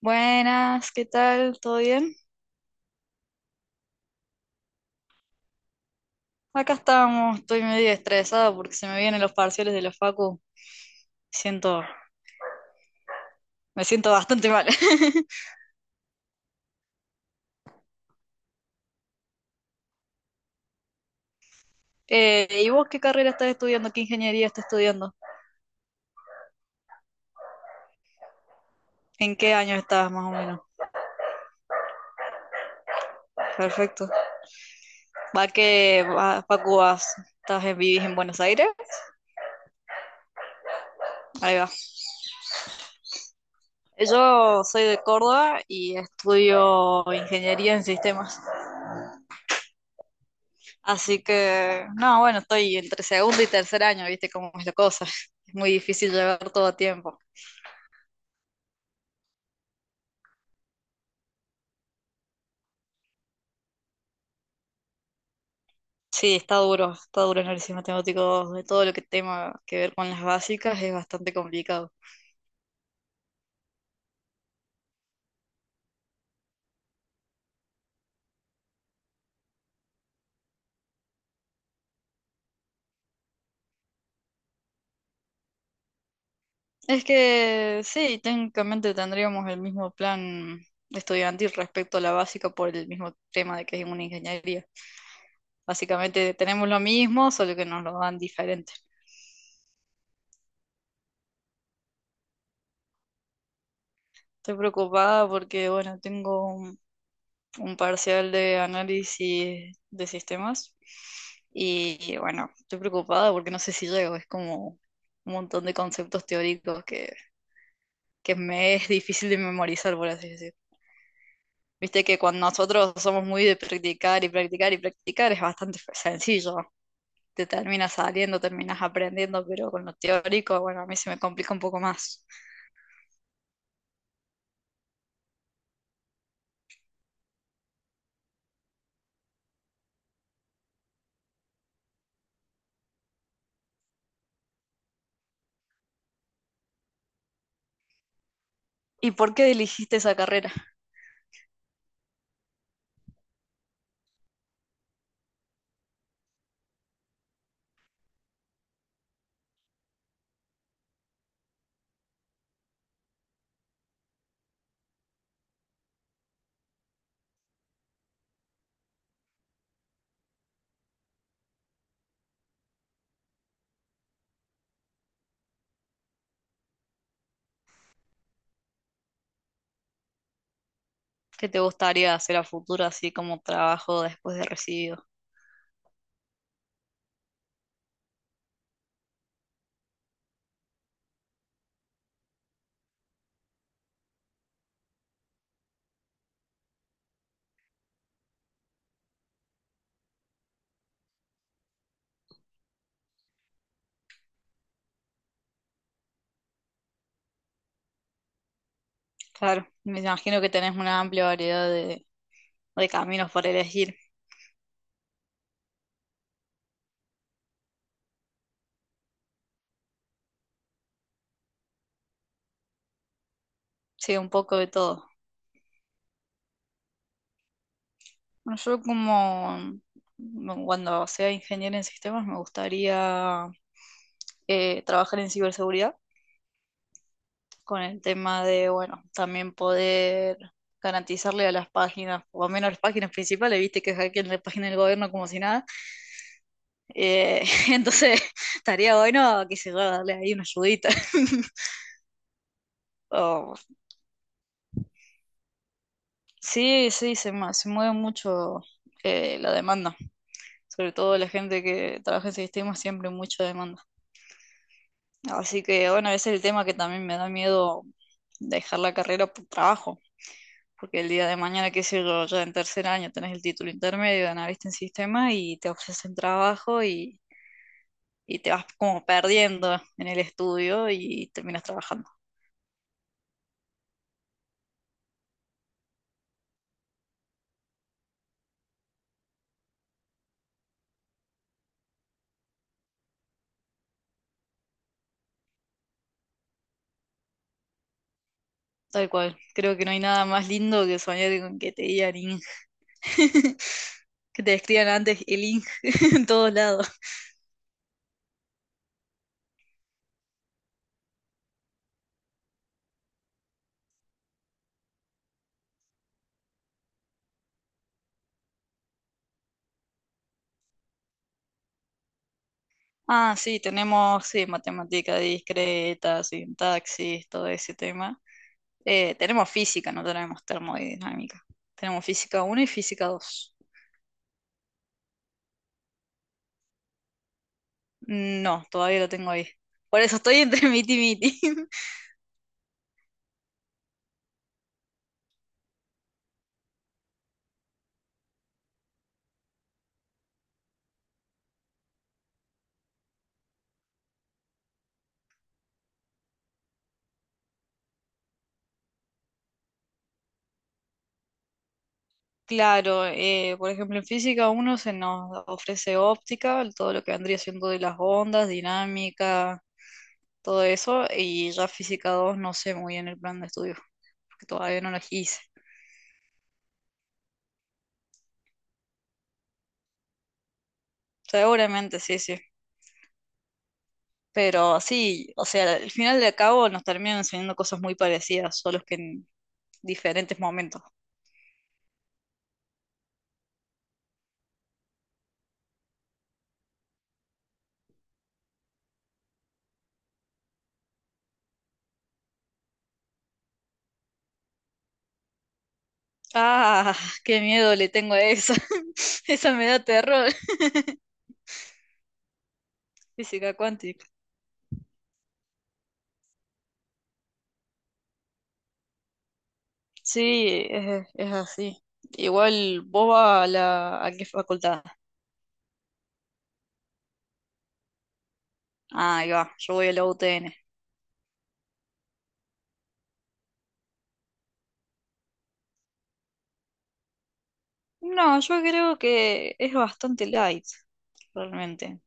Buenas, ¿qué tal? ¿Todo bien? Acá estamos, estoy medio estresada porque se me vienen los parciales de la facu. Siento, Me siento bastante mal. ¿Y vos qué carrera estás estudiando? ¿Qué ingeniería estás estudiando? ¿En qué año estás más o menos? Perfecto. ¿Va que va, facu vas? ¿Estás en, vivís en Buenos Aires? Ahí va. Yo soy de Córdoba y estudio ingeniería en sistemas. Así que, no, bueno, estoy entre segundo y tercer año, ¿viste cómo es la cosa? Es muy difícil llevar todo a tiempo. Sí, está duro el análisis matemático 2, de todo lo que tenga que ver con las básicas es bastante complicado. Es que sí, técnicamente tendríamos el mismo plan estudiantil respecto a la básica por el mismo tema de que es una ingeniería. Básicamente tenemos lo mismo, solo que nos lo dan diferente. Estoy preocupada porque, bueno, tengo un parcial de análisis de sistemas. Y bueno, estoy preocupada porque no sé si llego, es como un montón de conceptos teóricos que me es difícil de memorizar, por así decir. Viste que cuando nosotros somos muy de practicar y practicar y practicar es bastante sencillo. Te terminas saliendo, terminas aprendiendo, pero con lo teórico, bueno, a mí se me complica un poco más. ¿Y por qué elegiste esa carrera? ¿Qué te gustaría hacer a futuro así como trabajo después de recibido? Claro, me imagino que tenés una amplia variedad de caminos para elegir. Sí, un poco de todo. Bueno, yo como cuando sea ingeniero en sistemas me gustaría trabajar en ciberseguridad con el tema de, bueno, también poder garantizarle a las páginas, por lo menos las páginas principales, viste que hackean la página del gobierno como si nada. Eh, entonces estaría bueno, qué sé yo, darle ahí una ayudita. O Sí, sí, se mueve mucho, la demanda, sobre todo la gente que trabaja en sistemas, siempre mucha demanda. Así que bueno, ese es el tema que también me da miedo dejar la carrera por trabajo, porque el día de mañana, qué sé yo, ya en tercer año tenés el título intermedio de analista en sistemas y te ofrecen trabajo. Y te vas como perdiendo en el estudio y terminas trabajando. Tal cual, creo que no hay nada más lindo que soñar con que te digan, que te escriban antes el ING en todos lados. Ah, sí, tenemos, sí, matemática discreta, sintaxis, todo ese tema. Tenemos física, no tenemos termodinámica. Tenemos física uno y física dos. No, todavía lo tengo ahí. Por eso estoy entre miti y miti. Claro, por ejemplo, en física uno se nos ofrece óptica, todo lo que vendría siendo de las ondas, dinámica, todo eso, y ya física 2 no sé muy bien el plan de estudio, porque todavía no lo hice. Seguramente, sí, sí. Pero sí, o sea, al final de cabo nos terminan enseñando cosas muy parecidas, solo que en diferentes momentos. Ah, qué miedo le tengo a esa. Esa me da terror. Física cuántica. Sí, es así. Igual vos vas a la, ¿a qué facultad? Ah, ahí va, yo voy a la UTN. No, yo creo que es bastante light realmente.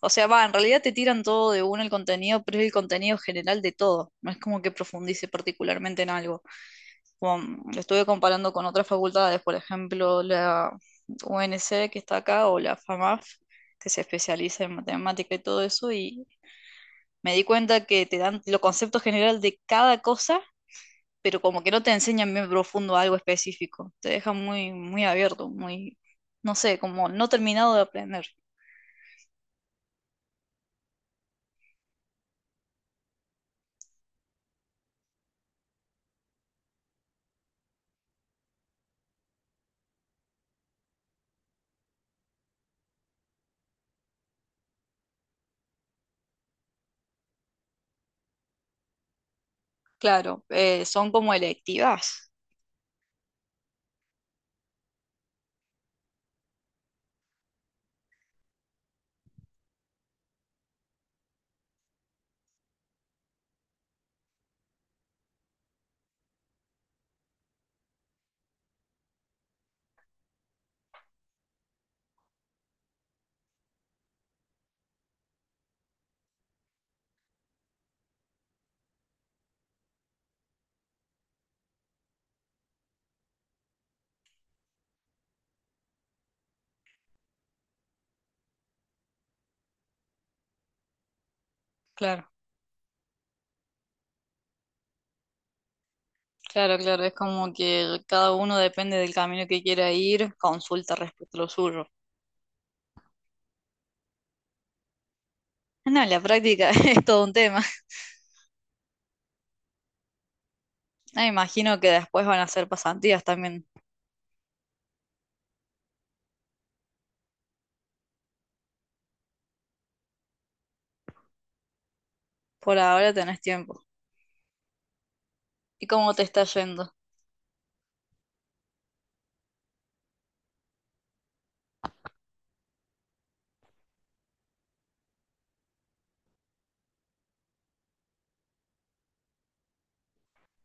O sea, va, en realidad te tiran todo de uno el contenido, pero es el contenido general de todo. No es como que profundice particularmente en algo. Como, lo estuve comparando con otras facultades, por ejemplo, la UNC que está acá o la FAMAF, que se especializa en matemática y todo eso, y me di cuenta que te dan los conceptos general de cada cosa, pero como que no te enseñan bien profundo algo específico. Te dejan muy, muy abierto, muy, no sé, como no terminado de aprender. Claro, son como electivas. Claro, claro, claro. Es como que cada uno depende del camino que quiera ir, consulta respecto a lo suyo. No, en la práctica es todo un tema. Me imagino que después van a hacer pasantías también. Por ahora tenés tiempo. ¿Y cómo te está yendo?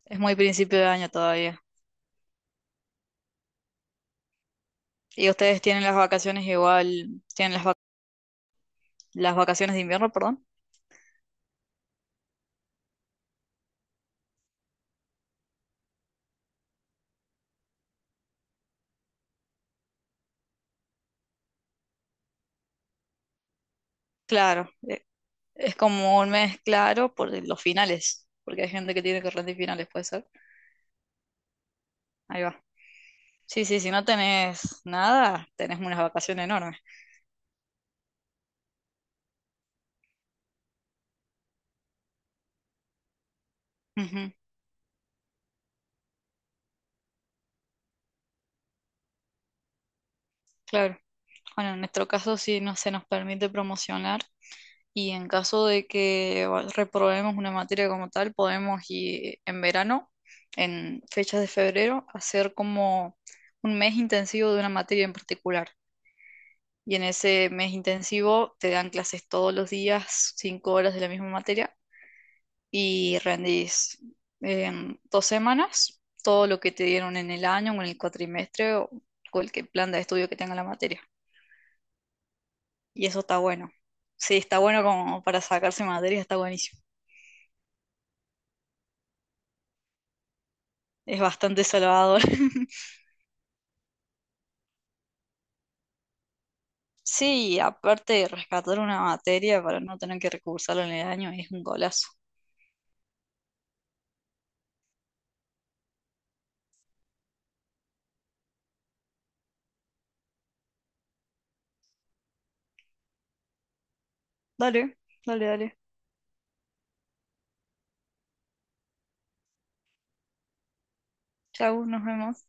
Es muy principio de año todavía. ¿Y ustedes tienen las vacaciones igual? ¿Tienen las vacaciones de invierno, perdón? Claro, es como un mes claro por los finales, porque hay gente que tiene que rendir finales, puede ser. Ahí va. Sí, sí, si no tenés nada, tenés unas vacaciones enormes. Ujú, claro. Bueno, en nuestro caso sí no se nos permite promocionar y en caso de que reprobemos una materia como tal, podemos ir en verano, en fechas de febrero, hacer como un mes intensivo de una materia en particular. Y en ese mes intensivo te dan clases todos los días, 5 horas de la misma materia y rendís en 2 semanas todo lo que te dieron en el año o en el cuatrimestre o cualquier plan de estudio que tenga la materia. Y eso está bueno. Sí, está bueno como para sacarse materia, está buenísimo. Es bastante salvador. Sí, aparte rescatar una materia para no tener que recursarlo en el año, es un golazo. Dale, dale, dale. Chau, nos vemos.